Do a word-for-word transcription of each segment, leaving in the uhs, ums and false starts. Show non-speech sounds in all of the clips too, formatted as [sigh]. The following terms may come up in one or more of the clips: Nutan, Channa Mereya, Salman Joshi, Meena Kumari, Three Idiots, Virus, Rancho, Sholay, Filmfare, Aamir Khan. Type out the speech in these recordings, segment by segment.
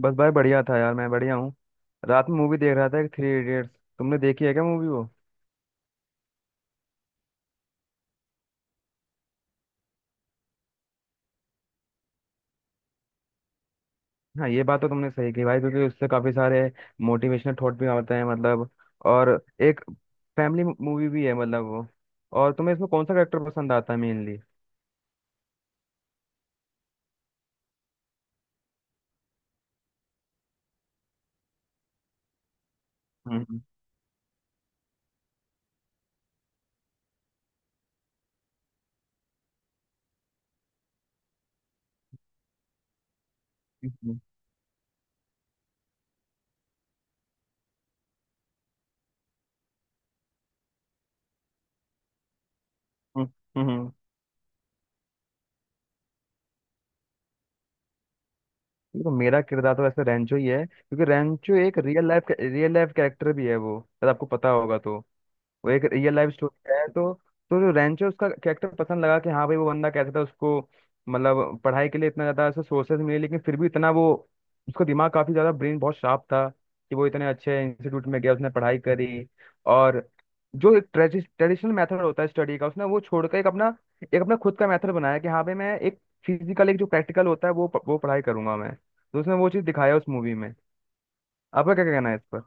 बस भाई बढ़िया था यार। मैं बढ़िया हूँ। रात में मूवी देख रहा था एक थ्री इडियट्स। तुमने देखी है क्या मूवी वो? हाँ, ये बात तो तुमने सही की भाई, क्योंकि उससे काफी सारे मोटिवेशनल थॉट भी आते हैं मतलब। और एक फैमिली मूवी भी है मतलब वो। और तुम्हें इसमें कौन सा कैरेक्टर पसंद आता है मेनली? हम्म हम्म हम्म, हम्म, हम्म। देखो, मेरा किरदार तो वैसे रेंचो ही है क्योंकि रेंचो एक real life real life character भी है वो, शायद आपको पता होगा। तो वो एक रियल लाइफ स्टोरी है तो। तो जो रेंचो, उसका कैरेक्टर पसंद लगा कि हाँ भाई वो बंदा कैसा था उसको, मतलब पढ़ाई के लिए इतना ज़्यादा ऐसे सोर्सेज मिले लेकिन फिर भी इतना वो, उसका दिमाग काफ़ी ज़्यादा, ब्रेन बहुत शार्प था कि वो इतने अच्छे इंस्टीट्यूट में गया, उसने पढ़ाई करी। और जो एक ट्रेडिशनल मेथड होता है स्टडी का उसने वो छोड़कर एक अपना, एक अपना खुद का मेथड बनाया कि हाँ भाई मैं एक फिजिकल एक जो प्रैक्टिकल होता है वो वो पढ़ाई करूंगा मैं। तो उसने वो चीज़ दिखाया उस मूवी में। आपका क्या कहना है इस पर?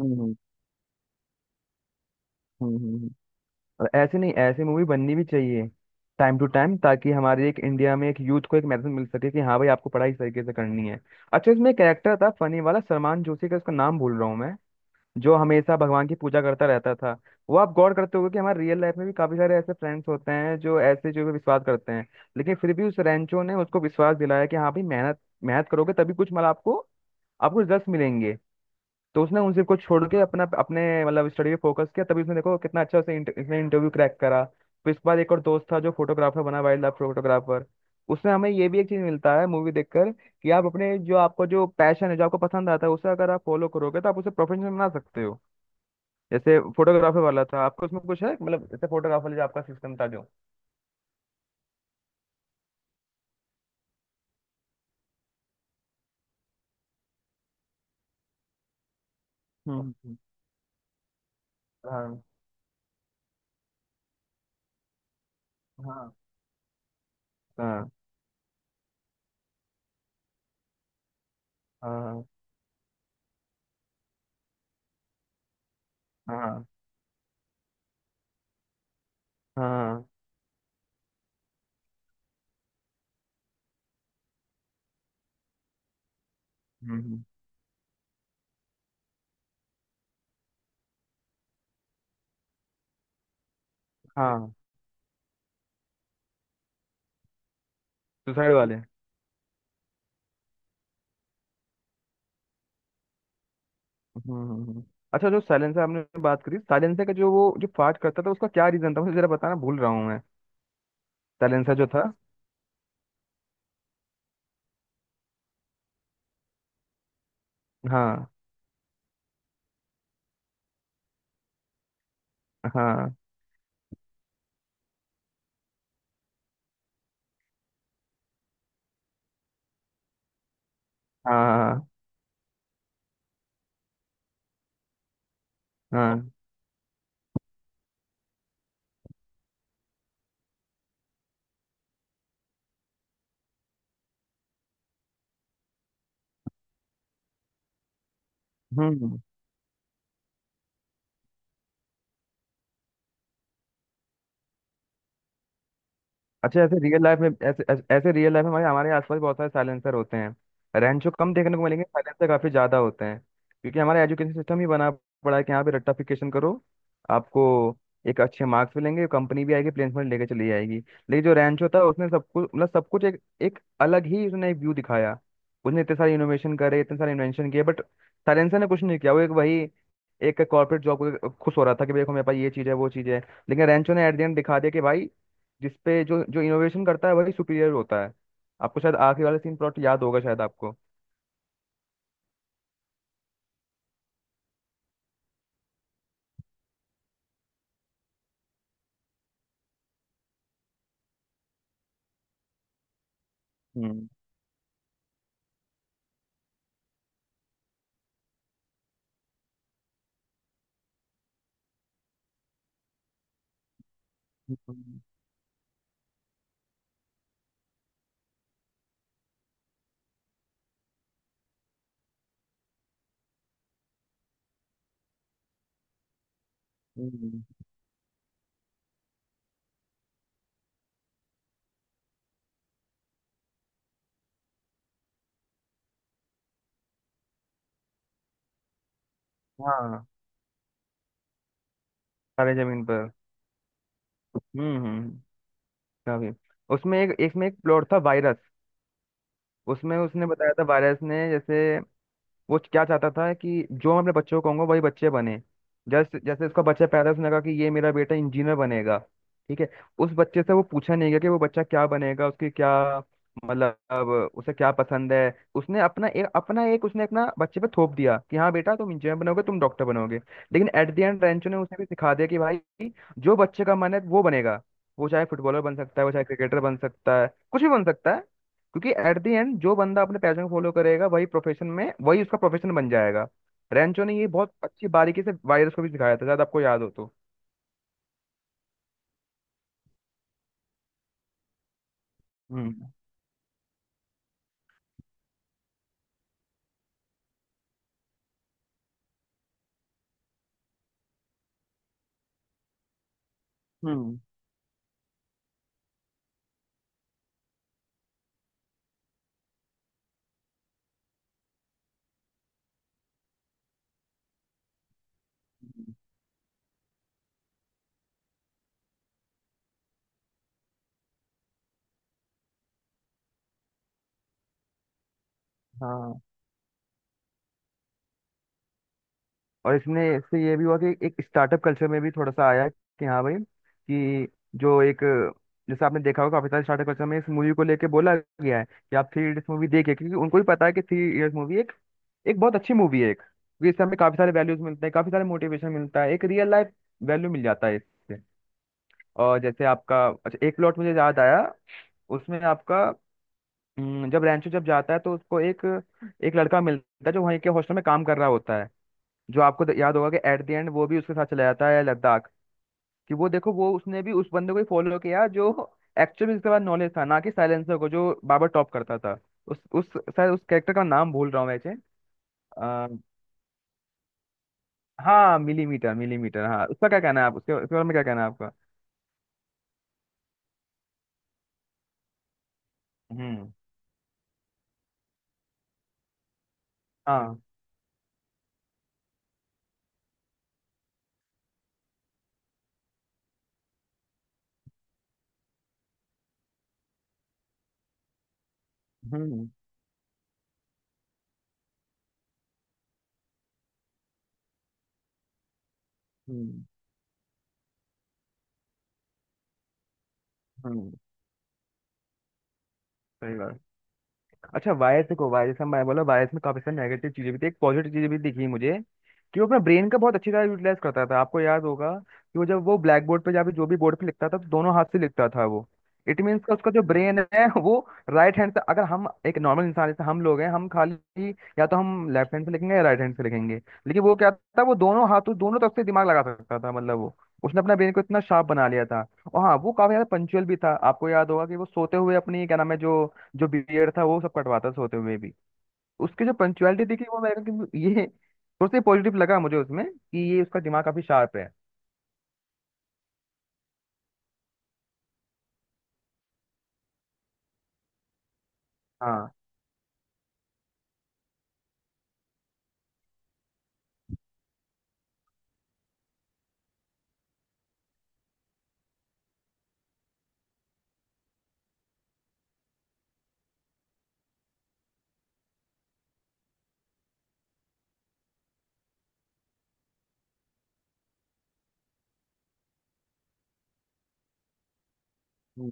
हम्म हम्म हम्म, हम्म। और ऐसे नहीं, ऐसे मूवी बननी भी चाहिए टाइम टू टाइम, ताकि हमारे एक इंडिया में एक यूथ को एक मैसेज मिल सके कि हाँ भाई, आपको पढ़ाई इस तरीके से करनी है। अच्छा, इसमें एक कैरेक्टर था फनी वाला, सलमान जोशी का, उसका नाम भूल रहा हूँ मैं, जो हमेशा भगवान की पूजा करता रहता था। वो आप गौर करते होगे कि हमारे रियल लाइफ में भी काफी सारे ऐसे फ्रेंड्स होते हैं जो ऐसे जो भी विश्वास करते हैं। लेकिन फिर भी उस रेंचो ने उसको विश्वास दिलाया कि हाँ भाई, मेहनत मेहनत करोगे तभी कुछ मतलब आपको, आपको रिजल्ट मिलेंगे। तो उसने उन सबको छोड़ के अपना, अपने मतलब स्टडी पे फोकस किया, तभी उसने, देखो कितना अच्छा उसे, इंट- इसने इंटरव्यू क्रैक करा। फिर इसके बाद एक और दोस्त था जो फोटोग्राफर बना, वाइल्ड लाइफ फोटोग्राफर। उससे हमें ये भी एक चीज मिलता है मूवी देखकर कि आप अपने जो, आपको जो पैशन है, जो आपको पसंद आता है, उसे अगर आप फॉलो करोगे तो आप उसे प्रोफेशन बना सकते हो। जैसे फोटोग्राफर वाला था, आपको उसमें कुछ है मतलब, जैसे फोटोग्राफर जो आपका सिस्टम था जो। हम्म, हम्म, हाँ। हाँ, हाँ। हाँ, हाँ, हाँ, हम्म, हाँ। सुसाइड वाले। हम्म हम्म, हम्म। अच्छा, जो साइलेंसर आपने बात करी, साइलेंसर का जो वो जो फाट करता था उसका क्या रीजन था? मुझे जरा बताना, भूल रहा हूँ मैं। साइलेंसर जो था। हाँ, हाँ, हाँ, हाँ, हाँ। हम्म। अच्छा, ऐसे रियल लाइफ में, ऐसे ऐसे ऐसे रियल लाइफ में हमारे, हमारे आसपास बहुत सारे साइलेंसर होते हैं। रैंचो कम देखने को मिलेंगे, साइलेंसर काफी ज्यादा होते हैं। क्योंकि हमारा एजुकेशन सिस्टम ही बना पड़ा है कि यहाँ पे रट्टाफिकेशन करो, आपको एक अच्छे मार्क्स मिलेंगे, कंपनी भी आएगी प्लेसमेंट लेके चली जाएगी। लेकिन जो रैंचो था, उसने सब कुछ, मतलब सब कुछ एक एक अलग ही उसने एक व्यू दिखाया। उसने इतने सारे इनोवेशन करे, इतने सारे इन्वेंशन किए, बट साइलेंसर ने कुछ नहीं किया, वो एक वही एक कॉर्पोरेट जॉब को खुश हो रहा था कि देखो मेरे पास ये चीज़ है, वो चीज़ है। लेकिन रैंचो ने एट द एंड दिखा दिया कि भाई, जिसपे जो जो इनोवेशन करता है वही सुपीरियर होता है। आपको शायद आखिरी वाला सीन, प्लॉट याद होगा शायद आपको? हम्म हम्म, हम्म, हाँ। सारे जमीन पर। हम्म हम्म काफी। उसमें एक, इसमें एक प्लॉट था वायरस। उसमें उसने बताया था, वायरस ने जैसे, वो क्या चाहता था कि जो मैं अपने बच्चों को कहूंगा वही बच्चे बने। जैसे, जैसे उसका बच्चा पैदा हुआ, उसने कहा कि ये मेरा बेटा इंजीनियर बनेगा। ठीक है, उस बच्चे से वो पूछा नहीं गया कि वो बच्चा क्या बनेगा, उसकी क्या, मतलब उसे क्या पसंद है। उसने अपना एक, अपना एक उसने अपना बच्चे पे थोप दिया कि हाँ बेटा तुम इंजीनियर बनोगे, तुम डॉक्टर बनोगे। लेकिन एट द एंड रेंचो ने उसे भी सिखा दिया कि भाई, जो बच्चे का मन है वो बनेगा। वो चाहे फुटबॉलर बन सकता है, वो चाहे क्रिकेटर बन सकता है, कुछ भी बन सकता है। क्योंकि एट द एंड जो बंदा अपने पैशन को फॉलो करेगा वही प्रोफेशन में, वही उसका प्रोफेशन बन जाएगा। रेंचो ने ये बहुत अच्छी बारीकी से वायरस को भी सिखाया था, शायद आपको याद हो तो। हम्म हम्म हाँ। और इसमें, इससे ये भी हुआ कि एक स्टार्टअप कल्चर में भी थोड़ा सा आया कि हाँ भाई कि जो एक, जैसे आपने देखा होगा काफी सारे स्टार्टअप कल्चर में इस मूवी को लेके बोला गया है कि आप थ्री इडियट्स मूवी देखिए, क्योंकि उनको भी पता है कि थ्री इडियट्स मूवी एक, एक बहुत अच्छी मूवी है एक, क्योंकि इससे हमें काफी सारे वैल्यूज मिलते हैं, काफी सारे मोटिवेशन मिलता है, एक रियल लाइफ वैल्यू मिल जाता है इससे। और जैसे आपका, अच्छा एक प्लॉट मुझे याद आया, उसमें आपका, हम्म, जब रैंचो जब जाता है तो उसको एक, एक लड़का मिलता है जो वहीं के हॉस्टल में काम कर रहा होता है, जो आपको द- याद होगा कि एट द एंड वो भी उसके साथ चला जाता है लद्दाख। कि वो देखो वो, उसने भी उस बंदे को ही फॉलो किया जो एक्चुअल में इसके पास नॉलेज था ना। कि साइलेंसर को जो बाबर टॉप करता था उस उस शायद उस कैरेक्टर का नाम भूल रहा हूँ वैसे। आ, हाँ मिलीमीटर, मिलीमीटर, हाँ। उसका क्या कहना है आप उसके, उसके बारे में क्या कहना है आपका? हम्म, हाँ। हम्म, हम्म, हम्म। सही बात। अच्छा वायरस, देखो वायरस, हम मैं बोला वायरस में काफी सारी नेगेटिव चीजें भी थी, एक पॉजिटिव चीजें भी दिखी मुझे। कि वो अपना ब्रेन का बहुत अच्छी तरह यूटिलाइज करता था। आपको याद होगा कि वो जब वो ब्लैक बोर्ड पे या फिर जो भी बोर्ड पे लिखता था तो दोनों हाथ से लिखता था वो। इट मीन्स का उसका जो ब्रेन है [laughs] वो राइट हैंड से, अगर हम एक नॉर्मल इंसान जैसे हम लोग हैं हम खाली, या तो हम लेफ्ट हैंड से लिखेंगे या राइट हैंड से लिखेंगे। लेकिन वो क्या था, वो दोनों हाथों, दोनों तरफ से दिमाग लगा सकता था मतलब वो, उसने अपना ब्रेन को इतना शार्प बना लिया था। और हाँ, वो काफी ज्यादा पंचुअल भी था, आपको याद होगा कि वो सोते हुए अपनी क्या नाम है जो, जो बियर्ड था वो सब कटवाता था सोते हुए भी। उसकी जो पंचुअलिटी दिखी वो, मेरे को ये सोचते पॉजिटिव लगा मुझे उसमें कि ये उसका दिमाग काफी शार्प है। हाँ। हम्म,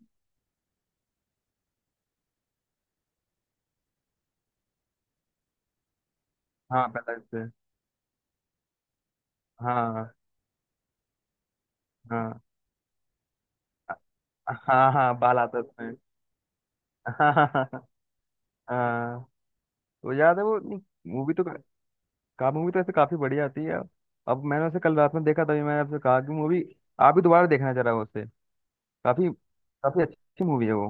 हाँ, पहले से। हाँ, हाँ। अ- हाँ हाँ, बाल आता है उसमें। [laughs] हाँ, हाँ, हाँ। हाँ। वो याद है वो मूवी तो, का मूवी तो ऐसे काफी बढ़िया आती है। अब मैंने उसे कल रात में देखा, तभी मैंने आपसे कहा कि मूवी आप भी दोबारा देखना जरा उसे। काफी, काफी अच्छी मूवी है वो।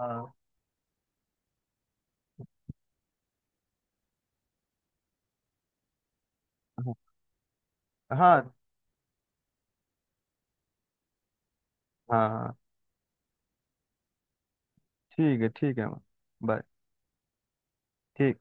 हाँ, हाँ, हाँ, हाँ। ठीक है, ठीक है। बाय। ठीक।